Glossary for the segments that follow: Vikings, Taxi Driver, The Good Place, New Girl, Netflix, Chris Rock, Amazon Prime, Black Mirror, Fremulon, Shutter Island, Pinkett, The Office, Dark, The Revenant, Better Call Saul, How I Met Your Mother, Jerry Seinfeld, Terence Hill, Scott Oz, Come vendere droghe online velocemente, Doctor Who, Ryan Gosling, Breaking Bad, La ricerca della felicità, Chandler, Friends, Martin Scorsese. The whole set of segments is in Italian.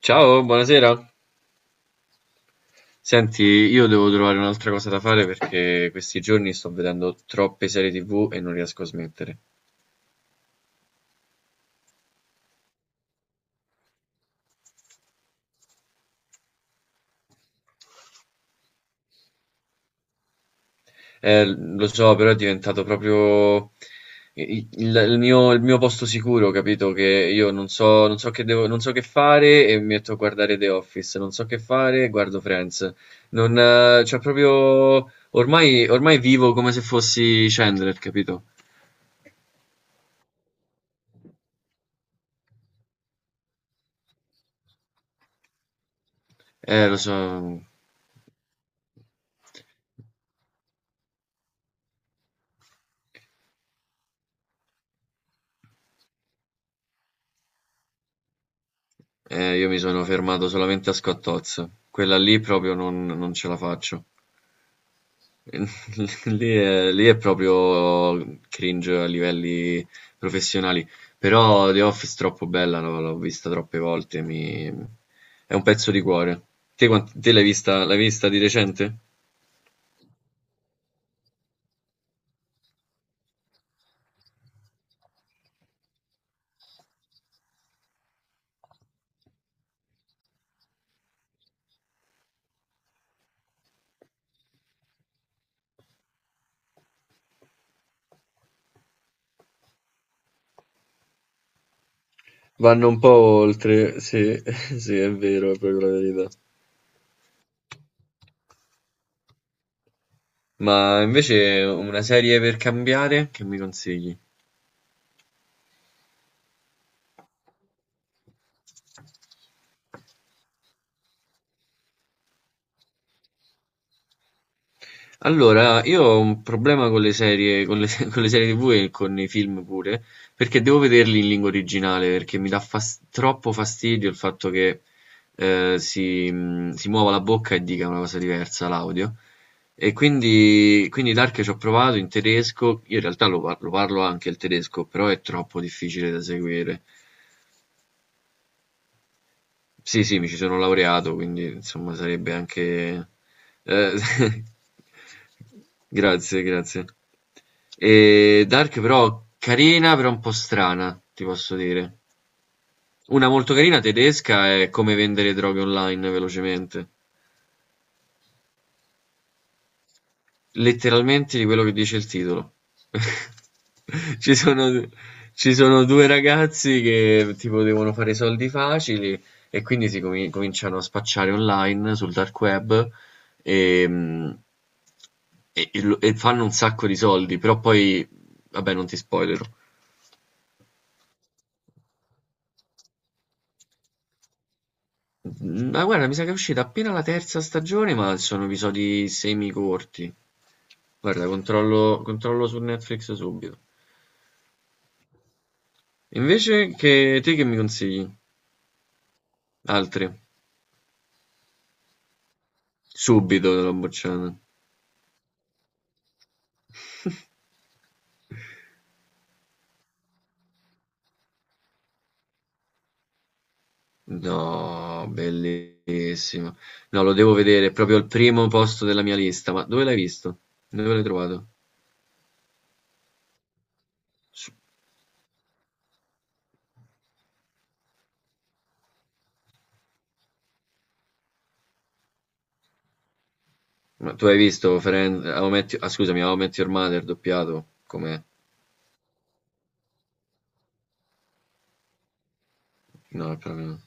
Ciao, buonasera. Senti, io devo trovare un'altra cosa da fare perché questi giorni sto vedendo troppe serie TV e non riesco a smettere. Lo so, però è diventato proprio il mio posto sicuro, capito? Che io non so che devo, non so che fare e mi metto a guardare The Office, non so che fare e guardo Friends. Non, Cioè proprio ormai vivo come se fossi Chandler, capito? Lo so. Io mi sono fermato solamente a Scott Oz. Quella lì proprio non ce la faccio. Lì è proprio cringe a livelli professionali. Però The Office troppo bella, no? L'ho vista troppe volte, è un pezzo di cuore. Te, te l'hai vista di recente? Vanno un po' oltre, sì, sì, è vero, è proprio la verità. Ma invece una serie per cambiare, che mi consigli? Allora, io ho un problema con le serie, con le serie TV e con i film pure, perché devo vederli in lingua originale, perché mi dà troppo fastidio il fatto che si muova la bocca e dica una cosa diversa l'audio. E quindi Dark ci ho provato in tedesco, io in realtà lo parlo anche il tedesco, però è troppo difficile da seguire. Sì, sì, mi ci sono laureato, quindi insomma sarebbe anche. eh, Grazie, grazie. E Dark però carina, però un po' strana, ti posso dire. Una molto carina tedesca è Come vendere droghe online velocemente. Letteralmente di quello che dice il titolo. Ci sono, ci sono due ragazzi che tipo devono fare soldi facili e quindi cominciano a spacciare online sul dark web e, mm, e fanno un sacco di soldi, però poi, vabbè, non ti spoilerò. Ma guarda, mi sa che è uscita appena la terza stagione, ma sono episodi semicorti. Guarda, controllo su Netflix subito. Invece che te che mi consigli? Altri? Subito l'ho bocciato. No, bellissimo. No, lo devo vedere, è proprio al primo posto della mia lista. Ma dove l'hai visto? Dove l'hai trovato? Su- Ma tu hai visto Friends, ah, scusami, How I Met Your Mother doppiato? Com'è? No, è proprio, no.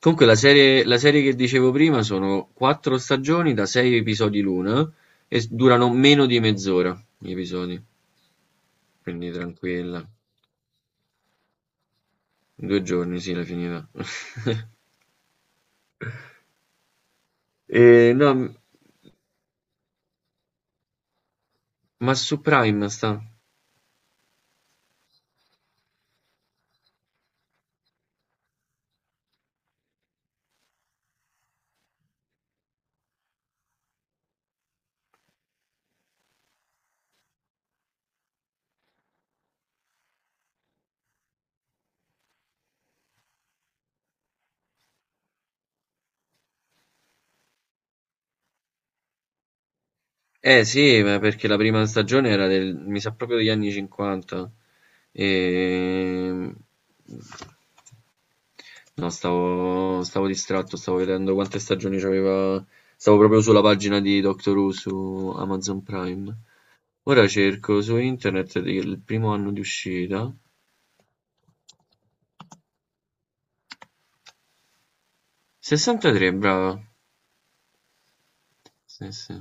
Comunque la serie che dicevo prima sono 4 stagioni da 6 episodi l'una e s durano meno di mezz'ora gli episodi, quindi tranquilla. In 2 giorni sì l'hai finita. E no, m ma su Prime sta? Eh sì, ma perché la prima stagione era del mi sa proprio degli anni '50. ehm No, stavo distratto, stavo vedendo quante stagioni c'aveva. Stavo proprio sulla pagina di Doctor Who su Amazon Prime. Ora cerco su internet il primo anno di uscita. 63, brava. Sì, sì.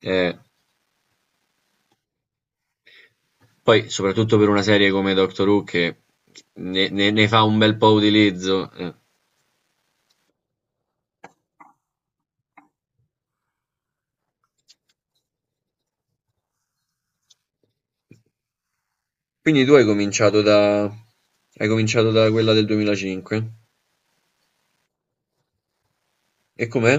Eh, poi, soprattutto per una serie come Doctor Who che ne fa un bel po' utilizzo. Quindi tu hai cominciato da quella del 2005. E com'è?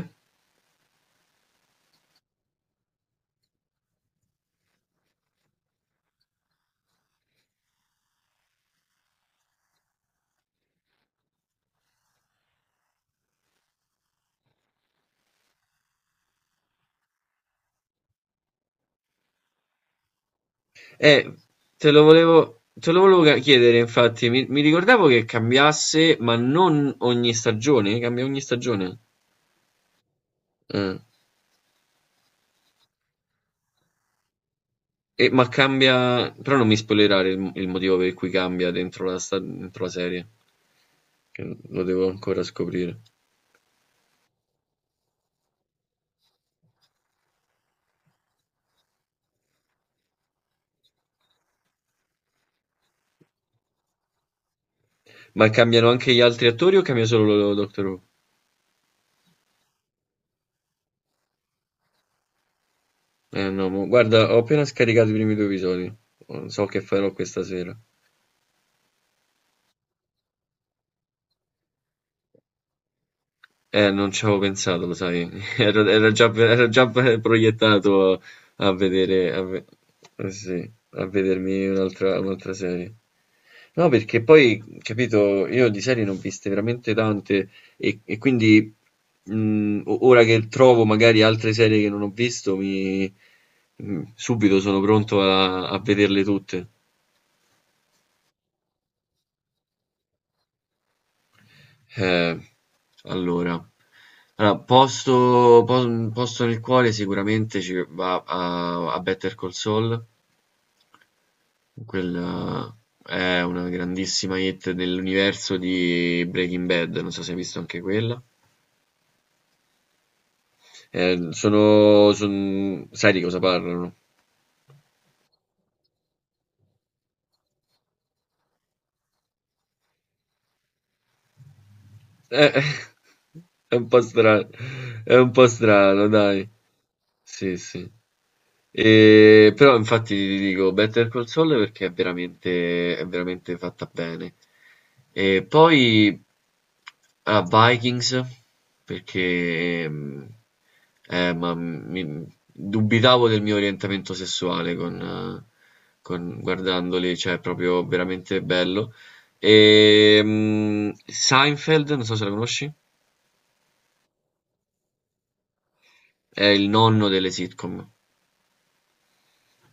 Eh, te lo volevo chiedere, infatti, mi ricordavo che cambiasse, ma non ogni stagione, cambia ogni stagione. Eh, ma cambia, però non mi spoilerare il motivo per cui cambia dentro la serie, che lo devo ancora scoprire. Ma cambiano anche gli altri attori o cambia solo Doctor Who? Eh no, guarda, ho appena scaricato i primi due episodi, non so che farò questa sera. Non ci avevo pensato, lo sai, ero già proiettato a vedere, a, ve- eh sì, a vedermi un'altra serie. No, perché poi, capito, io di serie ne ho viste veramente tante e quindi ora che trovo magari altre serie che non ho visto, subito sono pronto a vederle tutte. Eh, allora, allora, posto nel cuore sicuramente ci va a Better Call Saul, quella è una grandissima hit dell'universo di Breaking Bad, non so se hai visto anche quella. Sai di cosa parlano? Eh, è un po' strano, è un po' strano, dai. Sì, sì. E, però infatti ti dico Better Call Saul perché è veramente fatta bene. E poi a Vikings perché dubitavo del mio orientamento sessuale guardandoli, cioè è proprio veramente bello. E, Seinfeld, non so se la conosci, è il nonno delle sitcom.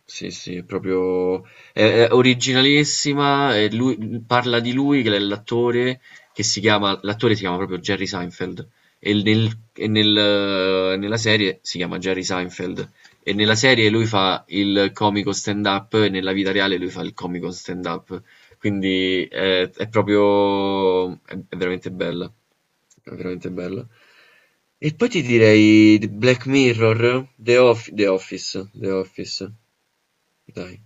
Sì, sì, è originalissima e lui parla di lui che è l'attore che si chiama, l'attore si chiama proprio Jerry Seinfeld e, nella serie si chiama Jerry Seinfeld e nella serie lui fa il comico stand up e nella vita reale lui fa il comico stand up. Quindi è veramente bella, è veramente bella. E poi ti direi Black Mirror, The Office, The Office. Dai.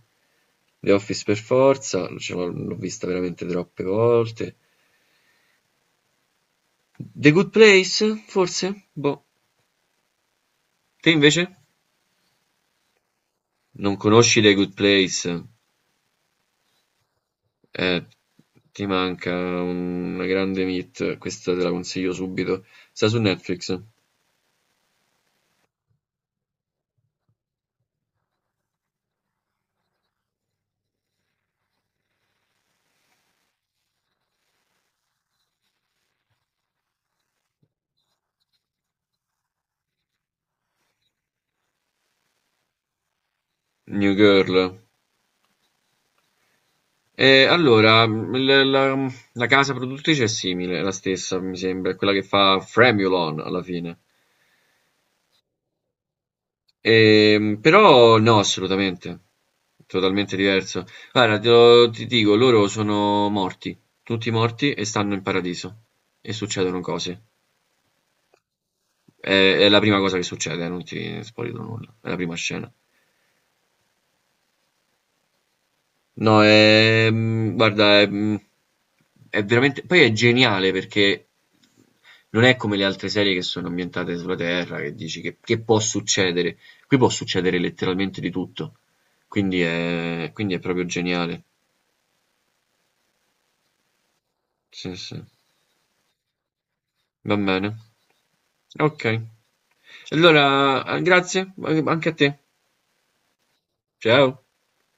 The Office per forza, ce l'ho vista veramente troppe volte. The Good Place, forse? Boh. Te invece? Non conosci The Good Place? Eh, ti manca una grande hit, questa te la consiglio subito. Sta su Netflix, New Girl. E allora, la casa produttrice è simile, è la stessa, mi sembra, è quella che fa Fremulon alla fine. Però no, assolutamente, totalmente diverso. Guarda, ti dico, loro sono morti, tutti morti e stanno in paradiso e succedono cose. È, è la prima cosa che succede, non ti spoilerò nulla, è la prima scena. No, guarda, è veramente, poi è geniale perché non è come le altre serie che sono ambientate sulla Terra, che dici che, può succedere. Qui può succedere letteralmente di tutto, quindi è proprio geniale. Sì, sì. Va bene. Ok. Allora, grazie anche a te. Ciao.